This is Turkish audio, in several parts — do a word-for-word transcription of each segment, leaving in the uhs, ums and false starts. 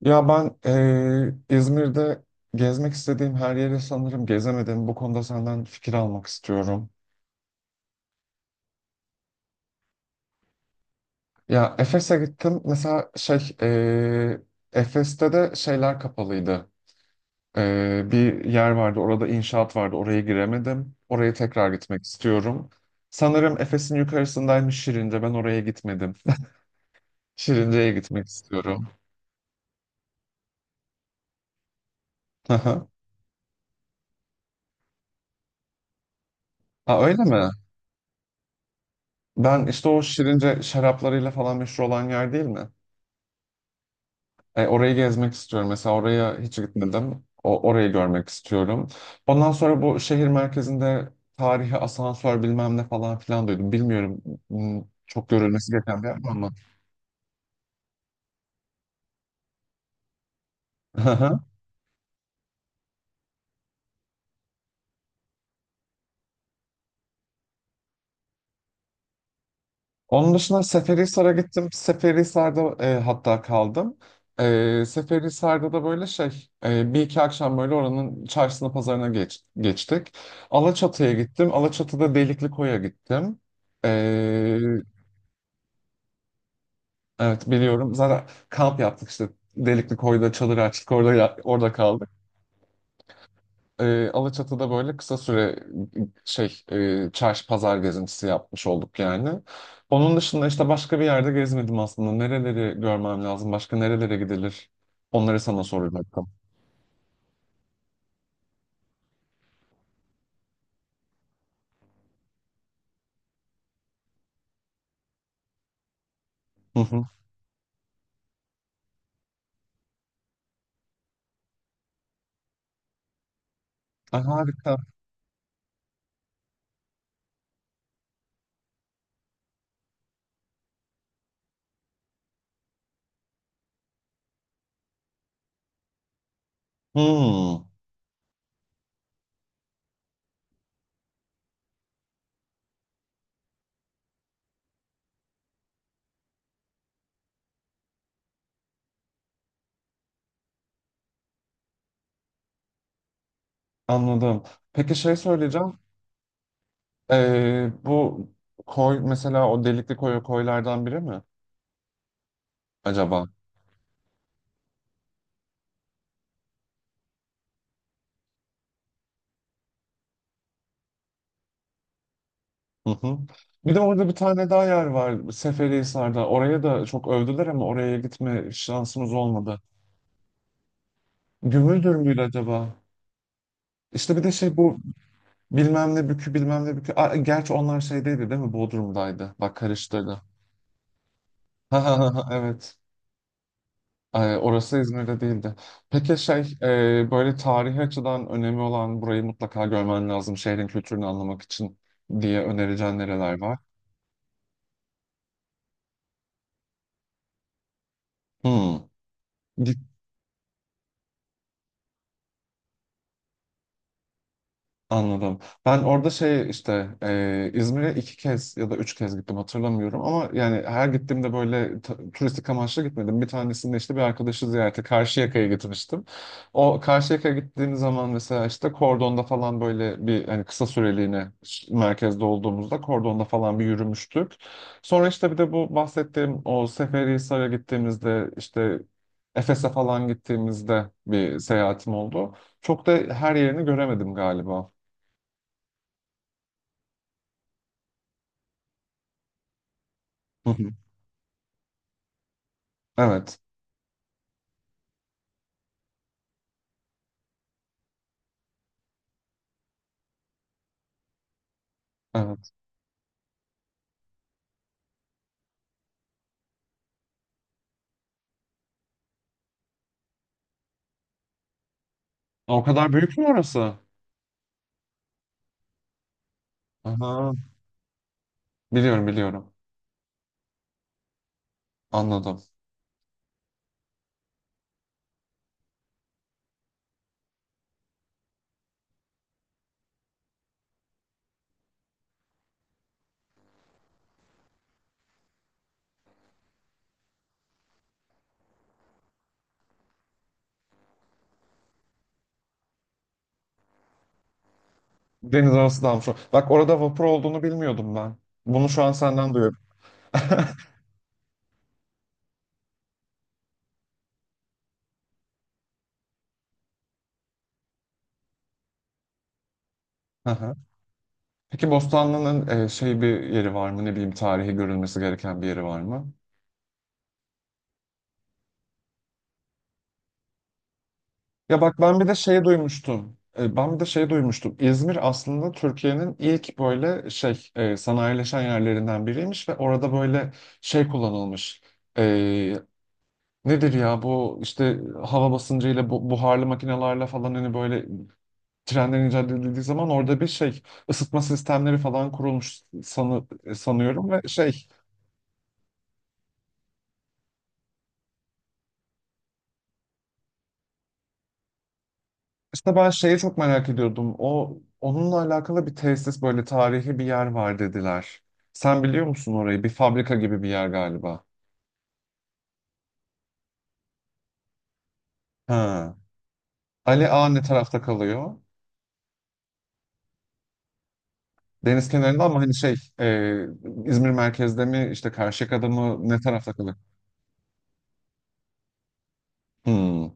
Ya ben eee, İzmir'de gezmek istediğim her yeri sanırım gezemedim. Bu konuda senden fikir almak istiyorum. Ya Efes'e gittim. Mesela şey eee, Efes'te de şeyler kapalıydı. Eee, bir yer vardı. Orada inşaat vardı. Oraya giremedim. Oraya tekrar gitmek istiyorum. Sanırım Efes'in yukarısındaymış Şirince. Ben oraya gitmedim. Şirince'ye gitmek istiyorum. Ha öyle mi? Ben işte o Şirince şaraplarıyla falan meşhur olan yer değil mi? E, orayı gezmek istiyorum. Mesela oraya hiç gitmedim. O, orayı görmek istiyorum. Ondan sonra bu şehir merkezinde tarihi asansör bilmem ne falan filan duydum. Bilmiyorum m, çok görülmesi gereken bir yer mi ama. Hı hı. Onun dışında Seferihisar'a gittim. Seferihisar'da e, hatta kaldım. E, Seferihisar'da da böyle şey e, bir iki akşam böyle oranın çarşısına pazarına geç, geçtik. Alaçatı'ya gittim. Alaçatı'da Delikli Koy'a gittim. E, Evet biliyorum. Zaten kamp yaptık işte. Delikli Koy'da çadır açtık. Orada ya- orada kaldık. Ee, Alaçatı'da böyle kısa süre şey e, çarşı pazar gezintisi yapmış olduk yani. Onun dışında işte başka bir yerde gezmedim aslında. Nereleri görmem lazım? Başka nerelere gidilir? Onları sana soracaktım. Hı hı. Ay, harika. Hmm, anladım. Peki şey söyleyeceğim. Ee, bu koy mesela o Delikli Koy'a koylardan biri mi acaba? Hı hı. Bir de orada bir tane daha yer var Seferihisar'da. Oraya da çok övdüler ama oraya gitme şansımız olmadı. Gümüldür müydü acaba? İşte bir de şey bu bilmem ne bükü bilmem ne bükü. Aa, gerçi onlar şeydeydi değil mi? Bodrum'daydı. Bak karıştırdı. Evet. Ay, orası İzmir'de değildi. Peki şey e, böyle tarihi açıdan önemi olan burayı mutlaka görmen lazım şehrin kültürünü anlamak için diye önereceğin nereler var? Hmm. Anladım. Ben orada şey işte e, İzmir'e iki kez ya da üç kez gittim hatırlamıyorum ama yani her gittiğimde böyle ta- turistik amaçlı gitmedim. Bir tanesinde işte bir arkadaşı ziyarete Karşıyaka'ya gitmiştim. O Karşıyaka'ya gittiğim zaman mesela işte Kordon'da falan böyle bir hani kısa süreliğine ş- merkezde olduğumuzda Kordon'da falan bir yürümüştük. Sonra işte bir de bu bahsettiğim o Seferihisar'a gittiğimizde işte Efes'e falan gittiğimizde bir seyahatim oldu. Çok da her yerini göremedim galiba. Hı hı. Evet, evet. O kadar büyük mü orası? Aha, biliyorum biliyorum. Anladım. Deniz arası dalmış. o- Bak orada vapur olduğunu bilmiyordum ben. Bunu şu an senden duyuyorum. Aha. Peki Bostanlı'nın e, şey bir yeri var mı? Ne bileyim tarihi görülmesi gereken bir yeri var mı? Ya bak ben bir de şey duymuştum. E, ben bir de şey duymuştum. İzmir aslında Türkiye'nin ilk böyle şey e, sanayileşen yerlerinden biriymiş ve orada böyle şey kullanılmış. E, Nedir ya bu işte hava basıncıyla bu, buharlı makinelerle falan hani böyle trenlerin icat edildiği zaman orada bir şey ısıtma sistemleri falan kurulmuş sanı, sanıyorum ve şey işte ben şeyi çok merak ediyordum. O onunla alakalı bir tesis böyle tarihi bir yer var dediler. Sen biliyor musun orayı? Bir fabrika gibi bir yer galiba. Ha. Ali Ağa ne tarafta kalıyor? Deniz kenarında ama hani şey e, İzmir merkezde mi işte Karşıyaka'da mı ne tarafta kalıyor? Hmm.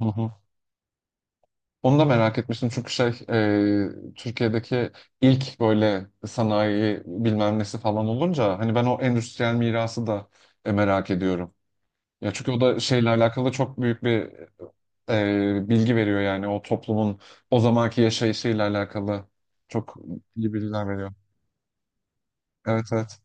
Onu da merak etmiştim çünkü şey e, Türkiye'deki ilk böyle sanayi bilmem nesi falan olunca hani ben o endüstriyel mirası da e, merak ediyorum. Ya çünkü o da şeyle alakalı çok büyük bir e, bilgi veriyor yani o toplumun o zamanki yaşayışıyla alakalı çok iyi bilgiler veriyor. Evet evet.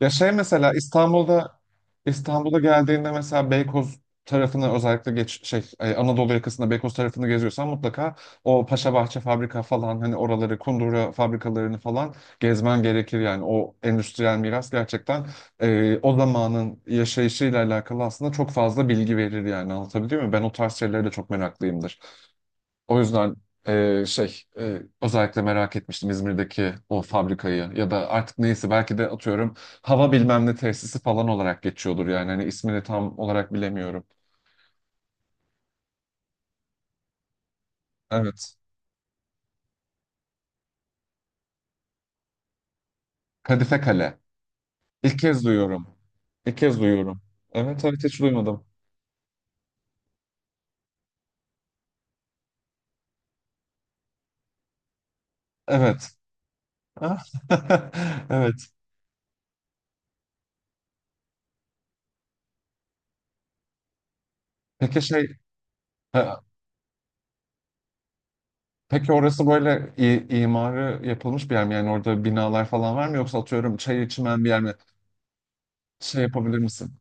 Ya şey mesela İstanbul'da İstanbul'a geldiğinde mesela Beykoz tarafını özellikle geç şey e, Anadolu yakasında Beykoz tarafını geziyorsan mutlaka o Paşabahçe fabrika falan hani oraları Kundura fabrikalarını falan gezmen gerekir yani o endüstriyel miras gerçekten e, o zamanın yaşayışıyla alakalı aslında çok fazla bilgi verir yani anlatabiliyor muyum? Ben o tarz şeylere de çok meraklıyımdır. O yüzden e, şey e, özellikle merak etmiştim İzmir'deki o fabrikayı ya da artık neyse belki de atıyorum hava bilmem ne tesisi falan olarak geçiyordur yani hani ismini tam olarak bilemiyorum. Evet. Kadife Kale. İlk kez duyuyorum. İlk kez duyuyorum. Evet evet hiç duymadım. Evet. Ah. Evet. Peki şey ha, peki orası böyle i- imarı yapılmış bir yer mi? Yani orada binalar falan var mı yoksa atıyorum çay içmen bir yer mi? Şey yapabilir misin?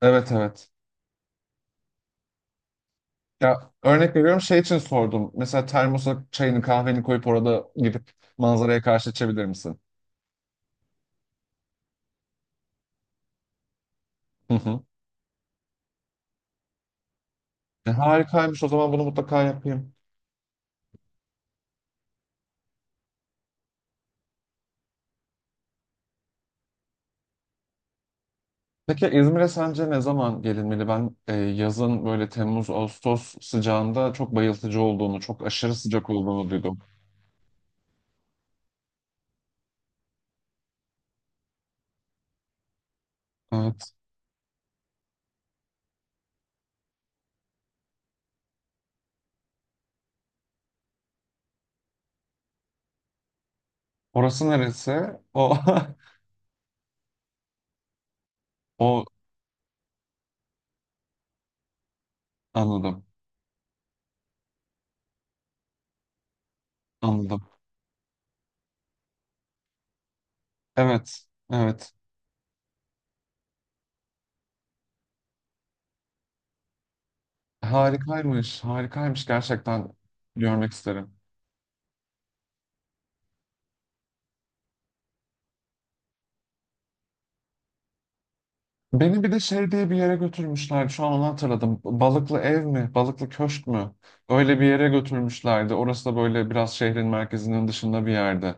Evet evet. Ya örnek veriyorum şey için sordum. Mesela termosa çayını kahveni koyup orada gidip manzaraya karşı içebilir misin? Hı hı. E, harikaymış o zaman bunu mutlaka yapayım. Peki İzmir'e sence ne zaman gelinmeli? Ben e, yazın böyle Temmuz, Ağustos sıcağında çok bayıltıcı olduğunu, çok aşırı sıcak olduğunu duydum. Evet. Orası neresi? O, o anladım, anladım. Evet, evet. Harikaymış, harikaymış gerçekten görmek isterim. Beni bir de şey diye bir yere götürmüşlerdi. Şu an onu hatırladım. Balıklı ev mi? Balıklı köşk mü? Öyle bir yere götürmüşlerdi. Orası da böyle biraz şehrin merkezinin dışında bir yerde.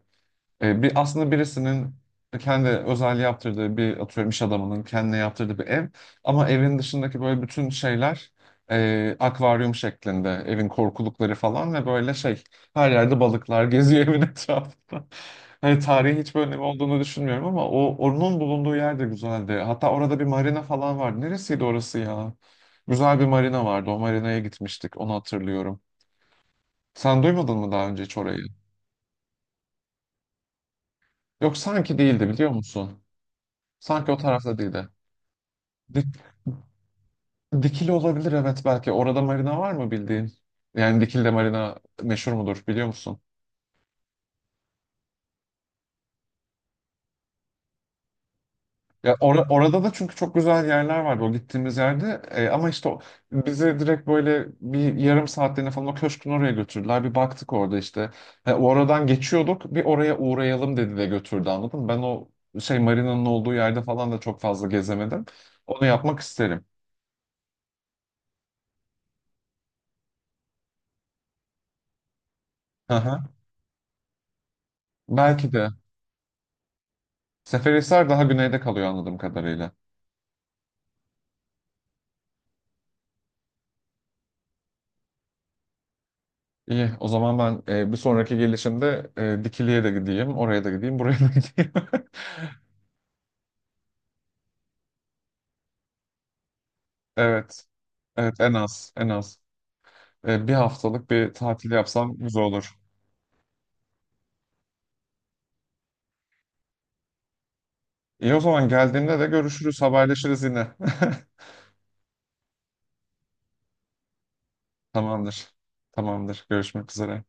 E, bir aslında birisinin kendi özel yaptırdığı bir atıyorum iş adamının kendine yaptırdığı bir ev ama evin dışındaki böyle bütün şeyler e, akvaryum şeklinde evin korkulukları falan ve böyle şey her yerde balıklar geziyor evin etrafında. Hani tarihi hiç önemi olduğunu düşünmüyorum ama o onun bulunduğu yer de güzeldi. Hatta orada bir marina falan vardı. Neresiydi orası ya? Güzel bir marina vardı. O marinaya gitmiştik. Onu hatırlıyorum. Sen duymadın mı daha önce hiç orayı? Yok sanki değildi biliyor musun? Sanki o tarafta değildi. Dik, Dikili olabilir evet belki. Orada marina var mı bildiğin? Yani Dikili'de marina meşhur mudur biliyor musun? Ya ora- orada da çünkü çok güzel yerler vardı o gittiğimiz yerde. E, ama işte o, bizi direkt böyle bir yarım saatliğine falan o köşkün oraya götürdüler. Bir baktık orada işte. Ha, oradan geçiyorduk bir oraya uğrayalım dedi de götürdü anladın mı? Ben o şey marinanın olduğu yerde falan da çok fazla gezemedim. Onu yapmak isterim. Hı hı. Belki de. Seferihisar daha güneyde kalıyor anladığım kadarıyla. İyi, o zaman ben e, bir sonraki gelişimde e, Dikili'ye de gideyim, oraya da gideyim, buraya da gideyim. Evet, evet en az, en az. E, bir haftalık bir tatil yapsam güzel olur. İyi o zaman geldiğimde de görüşürüz, haberleşiriz yine. Tamamdır, tamamdır. Görüşmek üzere.